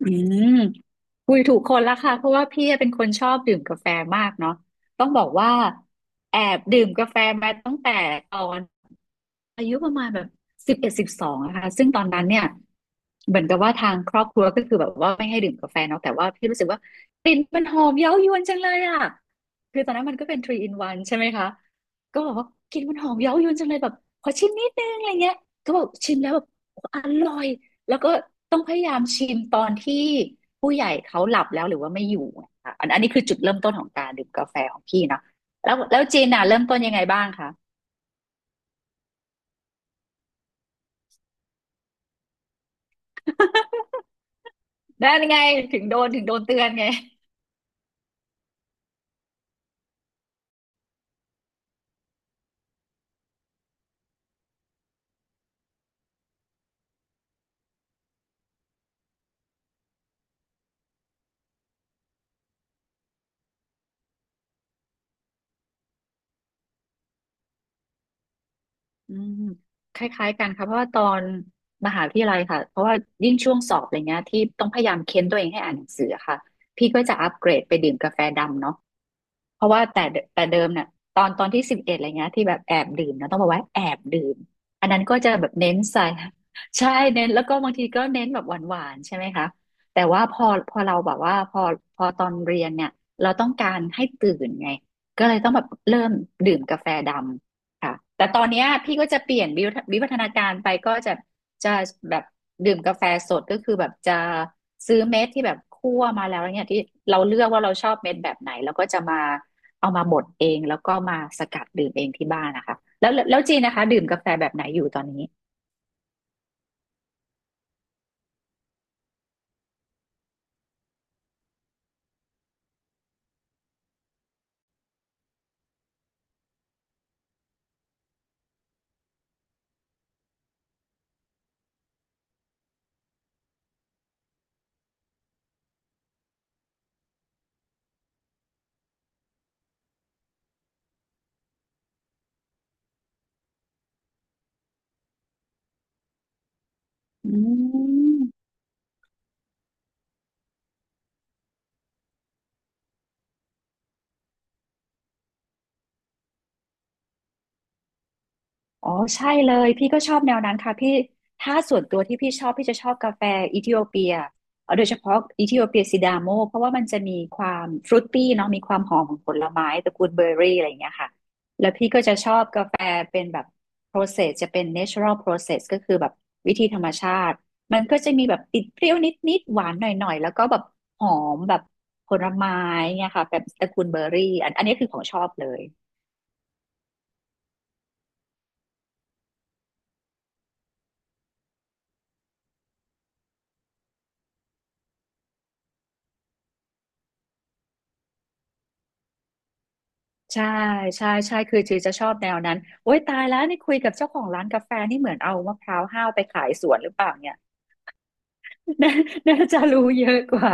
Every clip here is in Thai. อืมคุยถูกคนละค่ะเพราะว่าพี่เป็นคนชอบดื่มกาแฟมากเนาะต้องบอกว่าแอบดื่มกาแฟมาตั้งแต่ตอน อายุประมาณแบบ11, 12นะคะซึ่งตอนนั้นเนี่ยเหมือนกับว่าทางครอบครัวก็คือแบบว่าไม่ให้ดื่มกาแฟเนาะแต่ว่าพี่รู้สึกว่ากลิ่นมันหอมเย้ายวนจังเลยอะคือตอนนั้นมันก็เป็นทรี in o n ใช่ไหมคะก็บอกว่ากลิ่นมันหอมเย้ายวนจังเลยแบบขอชิมนิดนึงอะไรเงี้ยก็บอกชิมแล้วแบบโอ้อร่อยแล้วก็ต้องพยายามชิมตอนที่ผู้ใหญ่เขาหลับแล้วหรือว่าไม่อยู่อะค่ะอันนี้คือจุดเริ่มต้นของการดื่มกาแฟของพี่เนาะแล้วจีนน่ะเริ่มต้นยังไงบ้างคะ ไั้ไงถึงโดนเตือนไง อืมคล้ายๆกันค่ะเพราะว่าตอนมหาวิทยาลัยค่ะเพราะว่ายิ่งช่วงสอบอะไรเงี้ยที่ต้องพยายามเค้นตัวเองให้อ่านหนังสืออะค่ะพี่ก็จะอัปเกรดไปดื่มกาแฟดำเนาะเพราะว่าแต่เดิมเนี่ยตอนที่สิบเอ็ดอะไรเงี้ยที่แบบแอบดื่มนะต้องบอกว่าแอบดื่มอันนั้นก็จะแบบเน้นใส่ ใช่เน้นแล้วก็บางทีก็เน้นแบบหวานๆใช่ไหมคะแต่ว่าพอเราแบบว่าพอตอนเรียนเนี่ยเราต้องการให้ตื่นไงก็เลยต้องแบบเริ่มดื่มกาแฟดำ ค่ะแต่ตอนเนี้ยพี่ก็จะเปลี่ยนวิวัฒนาการไปก็จะจะแบบดื่มกาแฟสดก็คือแบบจะซื้อเม็ดที่แบบคั่วมาแล้วเนี่ยที่เราเลือกว่าเราชอบเม็ดแบบไหนแล้วก็จะมาเอามาบดเองแล้วก็มาสกัดดื่มเองที่บ้านนะคะแล้วจีนนะคะดื่มกาแฟแบบไหนอยู่ตอนนี้อืม อ๋อใช่เลยพี่ก็ชอบแนวนั้นค่ะพี่ถ้าส่วนตัวที่พี่ชอบพี่จะชอบกาแฟอิเธิโอเปียเอาโดยเฉพาะอิเธิโอเปียซิดาโมเพราะว่ามันจะมีความฟรุตตี้เนาะมีความหอมของผลไม้ตระกูลเบอร์รี่อะไรอย่างเงี้ยค่ะแล้วพี่ก็จะชอบกาแฟเป็นแบบ process จะเป็น natural process ก็คือแบบวิธีธรรมชาติมันก็จะมีแบบติดเปรี้ยวนิดๆหวานหน่อยๆแล้วก็แบบหอมแบบผลไม้เนี่ยค่ะแบบตระกูลเบอร์รี่อันนี้คือของชอบเลย ใช่ใช่ใช่คือจีจะชอบแนวนั้นโอ้ยตายแล้วนี่คุยกับเจ้าของร้านกาแฟนี่เหมือนเอามะพร้าวห้าวไปขายสวนหรือเปล่าเนี่ย น่าน่าจะรู้เยอะกว่า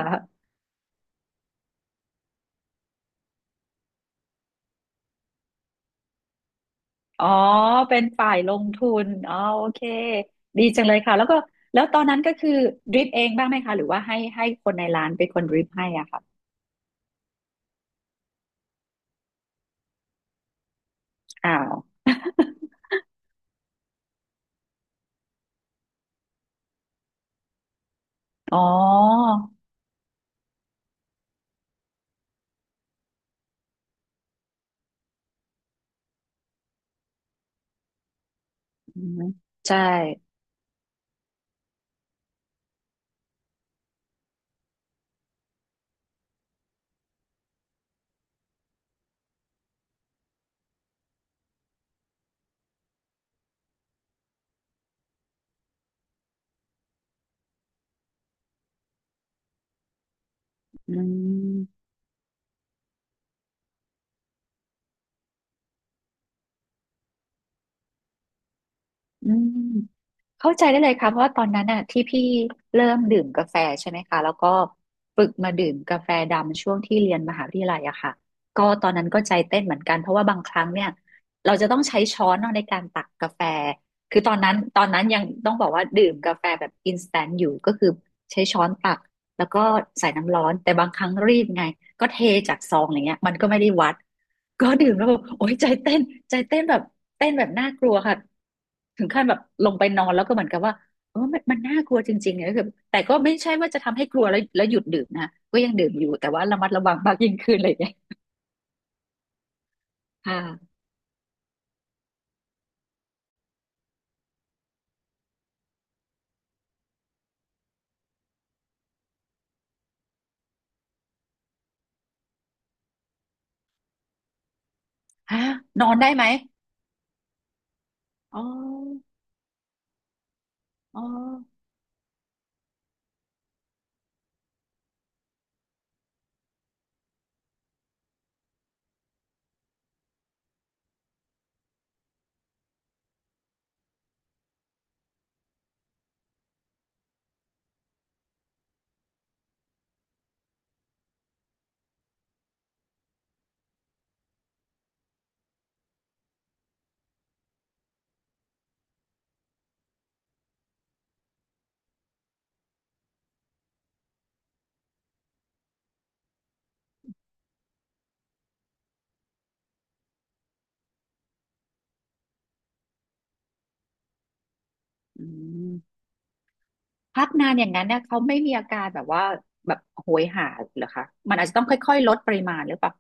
อ๋อเป็นฝ่ายลงทุนอ๋อโอเคดีจังเลยค่ะแล้วก็แล้วตอนนั้นก็คือดริปเองบ้างไหมคะหรือว่าให้คนในร้านเป็นคนดริปให้อ่ะค่ะอ้าวอ๋ออืมใช่อืมอืม เข้าใจได้เลยค่ะเพราะว่าตอนนั้นน่ะที่พี่เริ่มดื่มกาแฟใช่ไหมคะแล้วก็ฝึกมาดื่มกาแฟดำช่วงที่เรียนมหาวิทยาลัยอะค่ะก็ตอนนั้นก็ใจเต้นเหมือนกันเพราะว่าบางครั้งเนี่ยเราจะต้องใช้ช้อนเนาะในการตักกาแฟคือตอนนั้นยังต้องบอกว่าดื่มกาแฟแบบอินสแตนต์อยู่ก็คือใช้ช้อนตักแล้วก็ใส่น้ำร้อนแต่บางครั้งรีบไงก็เทจากซองอย่างเงี้ยมันก็ไม่ได้วัด ก็ดื่มแล้วแบบโอ๊ยใจเต้นใจเต้นแบบเต้นแบบน่ากลัวค่ะถึงขั้นแบบลงไปนอนแล้วก็เหมือนกับว่าเออมันมันน่ากลัวจริงๆเนี่ยก็คือแต่ก็ไม่ใช่ว่าจะทำให้กลัวแล้วหยุดดื่มนะก็ยังดื่มอยู่แต่ว่าระมัดระวังมากยิ่งขึ้นอะไรอย่างเงี้ยค่ะฮะนอนได้ไหมอ๋ออ๋ออืมพักนานอย่างนั้นเนี่ยเขาไม่มีอาการแบบว่าแบบโหยหาเหรอคะมันอาจจะต้องค่อยๆลดปริมาณหรือเปล่า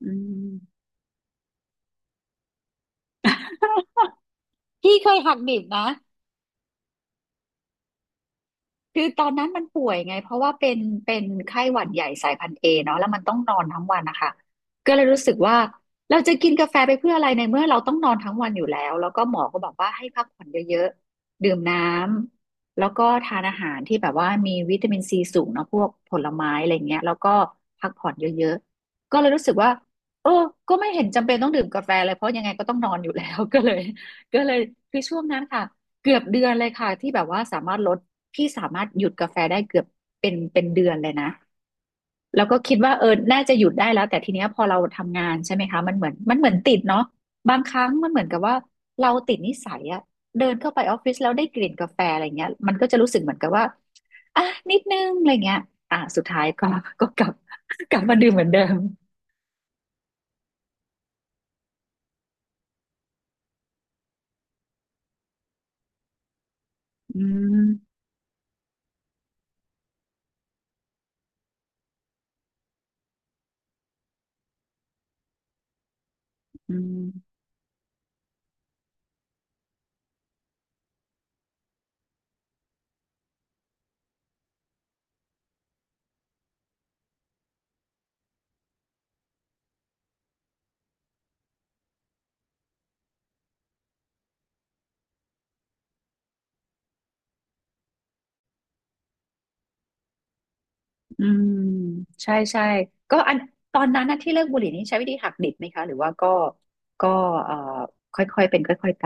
อืม พี่เคยหักดิบนะ คือตอนนั้นมันป่วยไงเพราะว่าเป็นไข้หวัดใหญ่สายพันธุ์เอเนาะแล้วมันต้องนอนทั้งวันนะคะก็เลยรู้สึกว่าเราจะกินกาแฟไปเพื่ออะไรในเมื่อเราต้องนอนทั้งวันอยู่แล้วแล้วก็หมอก็บอกว่าให้พักผ่อนเยอะๆดื่มน้ำแล้วก็ทานอาหารที่แบบว่ามีวิตามินซีสูงเนาะพวกผลไม้อะไรเงี้ยแล้วก็พักผ่อนเยอะๆก็เลยรู้สึกว่าเออก็ไม่เห็นจำเป็นต้องดื่มกาแฟเลยเพราะยังไงก็ต้องนอนอยู่แล้ว ก็เลยคือช่วงนั้นค่ะ เกือบเดือนเลยค่ะที่แบบว่าสามารถลดพี่สามารถหยุดกาแฟได้เกือบเป็นเดือนเลยนะแล้วก็คิดว่าเออน่าจะหยุดได้แล้วแต่ทีเนี้ยพอเราทำงานใช่ไหมคะมันเหมือนติดเนาะบางครั้งมันเหมือนกับว่าเราติดนิสัยอะเดินเข้าไปออฟฟิศแล้วได้กลิ่นกาแฟอะไรเงี้ยมันก็จะรู้สึกเหมือนกับว่าอ่ะนิดนึงอะไรเงี้ยอ่ะสุดท้ายก็กลับ กลับมาดื่มเหมือนเดิมอืมอืม อืมใช่ใช่ก็อันตอนนั้นนะที่เลิกบุหรี่นี่ใช้วิธีหักดิบไหมคะหรือว่าก็เอ่อค่อยๆเป็นค่อยๆไป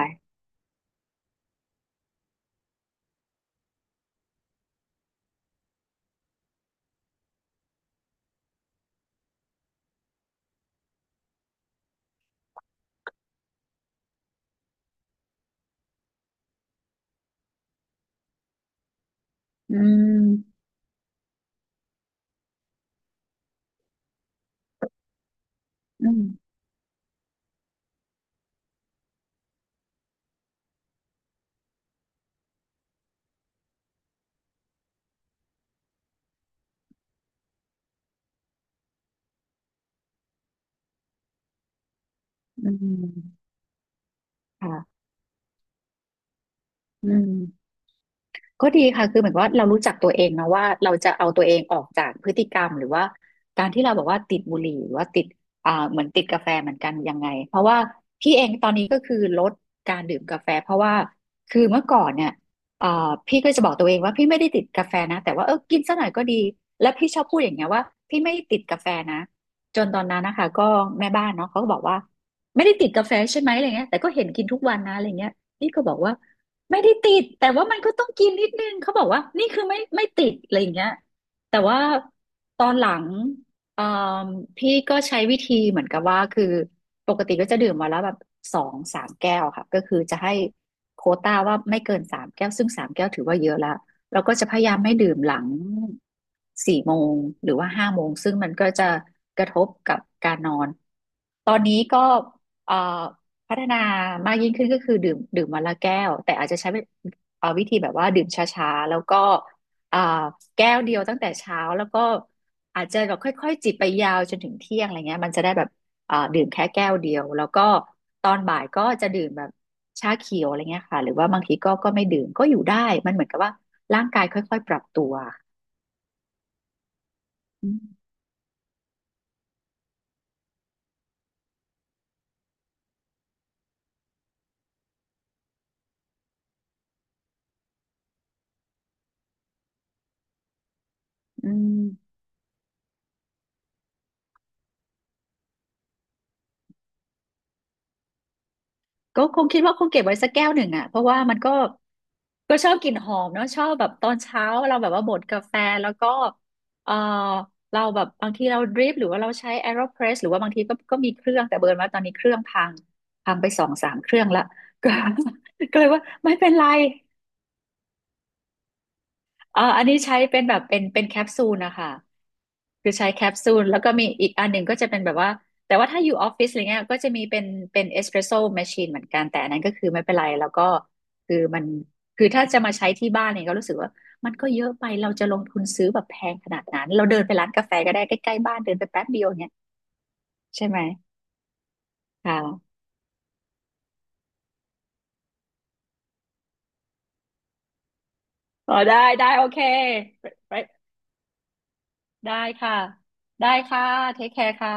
อืมอืมอืมค่ะอืม ก็ดีค่ะคือเหมือนว่าเรารู้จักตัวเองนะว่าเราจะเอาตัวเองออกจากพฤติกรรมหรือว่าการที่เราบอกว่าติดบุหรี่หรือว่าติดเหมือนติดกาแฟเหมือนกันยังไงเพราะว่าพี่เองตอนนี้ก็คือลดการดื่มกาแฟเพราะว่าคือเมื่อก่อนเนี่ยอ่าพี่ก็จะบอกตัวเองว่าพี่ไม่ได้ติดกาแฟนะแต่ว่าเออกินสักหน่อยก็ดีและพี่ชอบพูดอย่างเงี้ยว่าพี่ไม่ได้ติดกาแฟนะจนตอนนั้นนะคะก็แม่บ้านเนาะเขาก็บอกว่าไม่ได้ติดกาแฟใช่ไหมอะไรเงี้ยแต่ก็เห็นกินทุกวันนะอะไรเงี้ยพี่ก็บอกว่า ไม่ได้ติดแต่ว่ามันก็ต้องกินนิดนึงเขาบอกว่านี่คือไม่ติดอะไรอย่างเงี้ยแต่ว่าตอนหลังเอ่อพี่ก็ใช้วิธีเหมือนกับว่าคือปกติก็จะดื่มวาแลวแบบสองสามแก้วค่ะก็คือจะให้โควต้าว่าไม่เกินสามแก้วซึ่งสามแก้วถือว่าเยอะละเราก็จะพยายามไม่ดื่มหลังสี่โมงหรือว่าห้าโมงซึ่งมันก็จะกระทบกับการนอนตอนนี้ก็เอ่อ พัฒนามากยิ่งขึ้นก็คือดื่มวันละแก้วแต่อาจจะใช้เป็นวิธีแบบว่าดื่มช้าๆแล้วก็อ่าแก้วเดียวตั้งแต่เช้าแล้วก็อาจจะแบบค่อยๆจิบไปยาวจนถึงเที่ยงอะไรเงี้ยมันจะได้แบบดื่มแค่แก้วเดียวแล้วก็ตอนบ่ายก็จะดื่มแบบชาเขียวอะไรเงี้ยค่ะหรือว่าบางทีก็ไม่ดื่มก็อยู่ได้มันเหมือนกับว่าร่างกายค่อยๆปรับตัวอืมอืมก็คงคิดว่าคงเก็บไว้สักแก้วหนึ่งอ่ะเพราะว่ามันก็ ก็ชอบกลิ่นหอมเนาะชอบแบบตอนเช้าเราแบบว่าบดกาแฟแล้วก็เออเราแบบบางทีเราดริปหรือว่าเราใช้ AeroPress หรือว่าบางทีก็มีเครื่องแต่เบิร์นว่าตอนนี้เครื่องพังไปสองสามเครื่องละก็ ก็เลยว่าไม่เป็นไรเอออันนี้ใช้เป็นแบบเป็นแคปซูลนะคะ คือใช้แคปซูลแล้วก็มีอีกอันหนึ่งก็จะเป็นแบบว่าแต่ว่าถ้าอยู่ออฟฟิศอะไรเงี้ยก็จะมีเป็นเป็นเอสเปรสโซ่แมชชีนเหมือนกันแต่อันนั้นก็คือไม่เป็นไรแล้วก็คือมันคือถ้าจะมาใช้ที่บ้านเนี่ยก็รู้สึกว่ามันก็เยอะไปเราจะลงทุนซื้อแบบแพงขนาดนั้นเราเดินไปร้านกาแฟก็ได้ใกล้ๆบ้านเดินไปแป๊บเดียวเนี่ยใช่ไหมค่ะอ๋อได้ได้โอเคไปไปได้ค่ะได้ค่ะเทคแคร์ค่ะ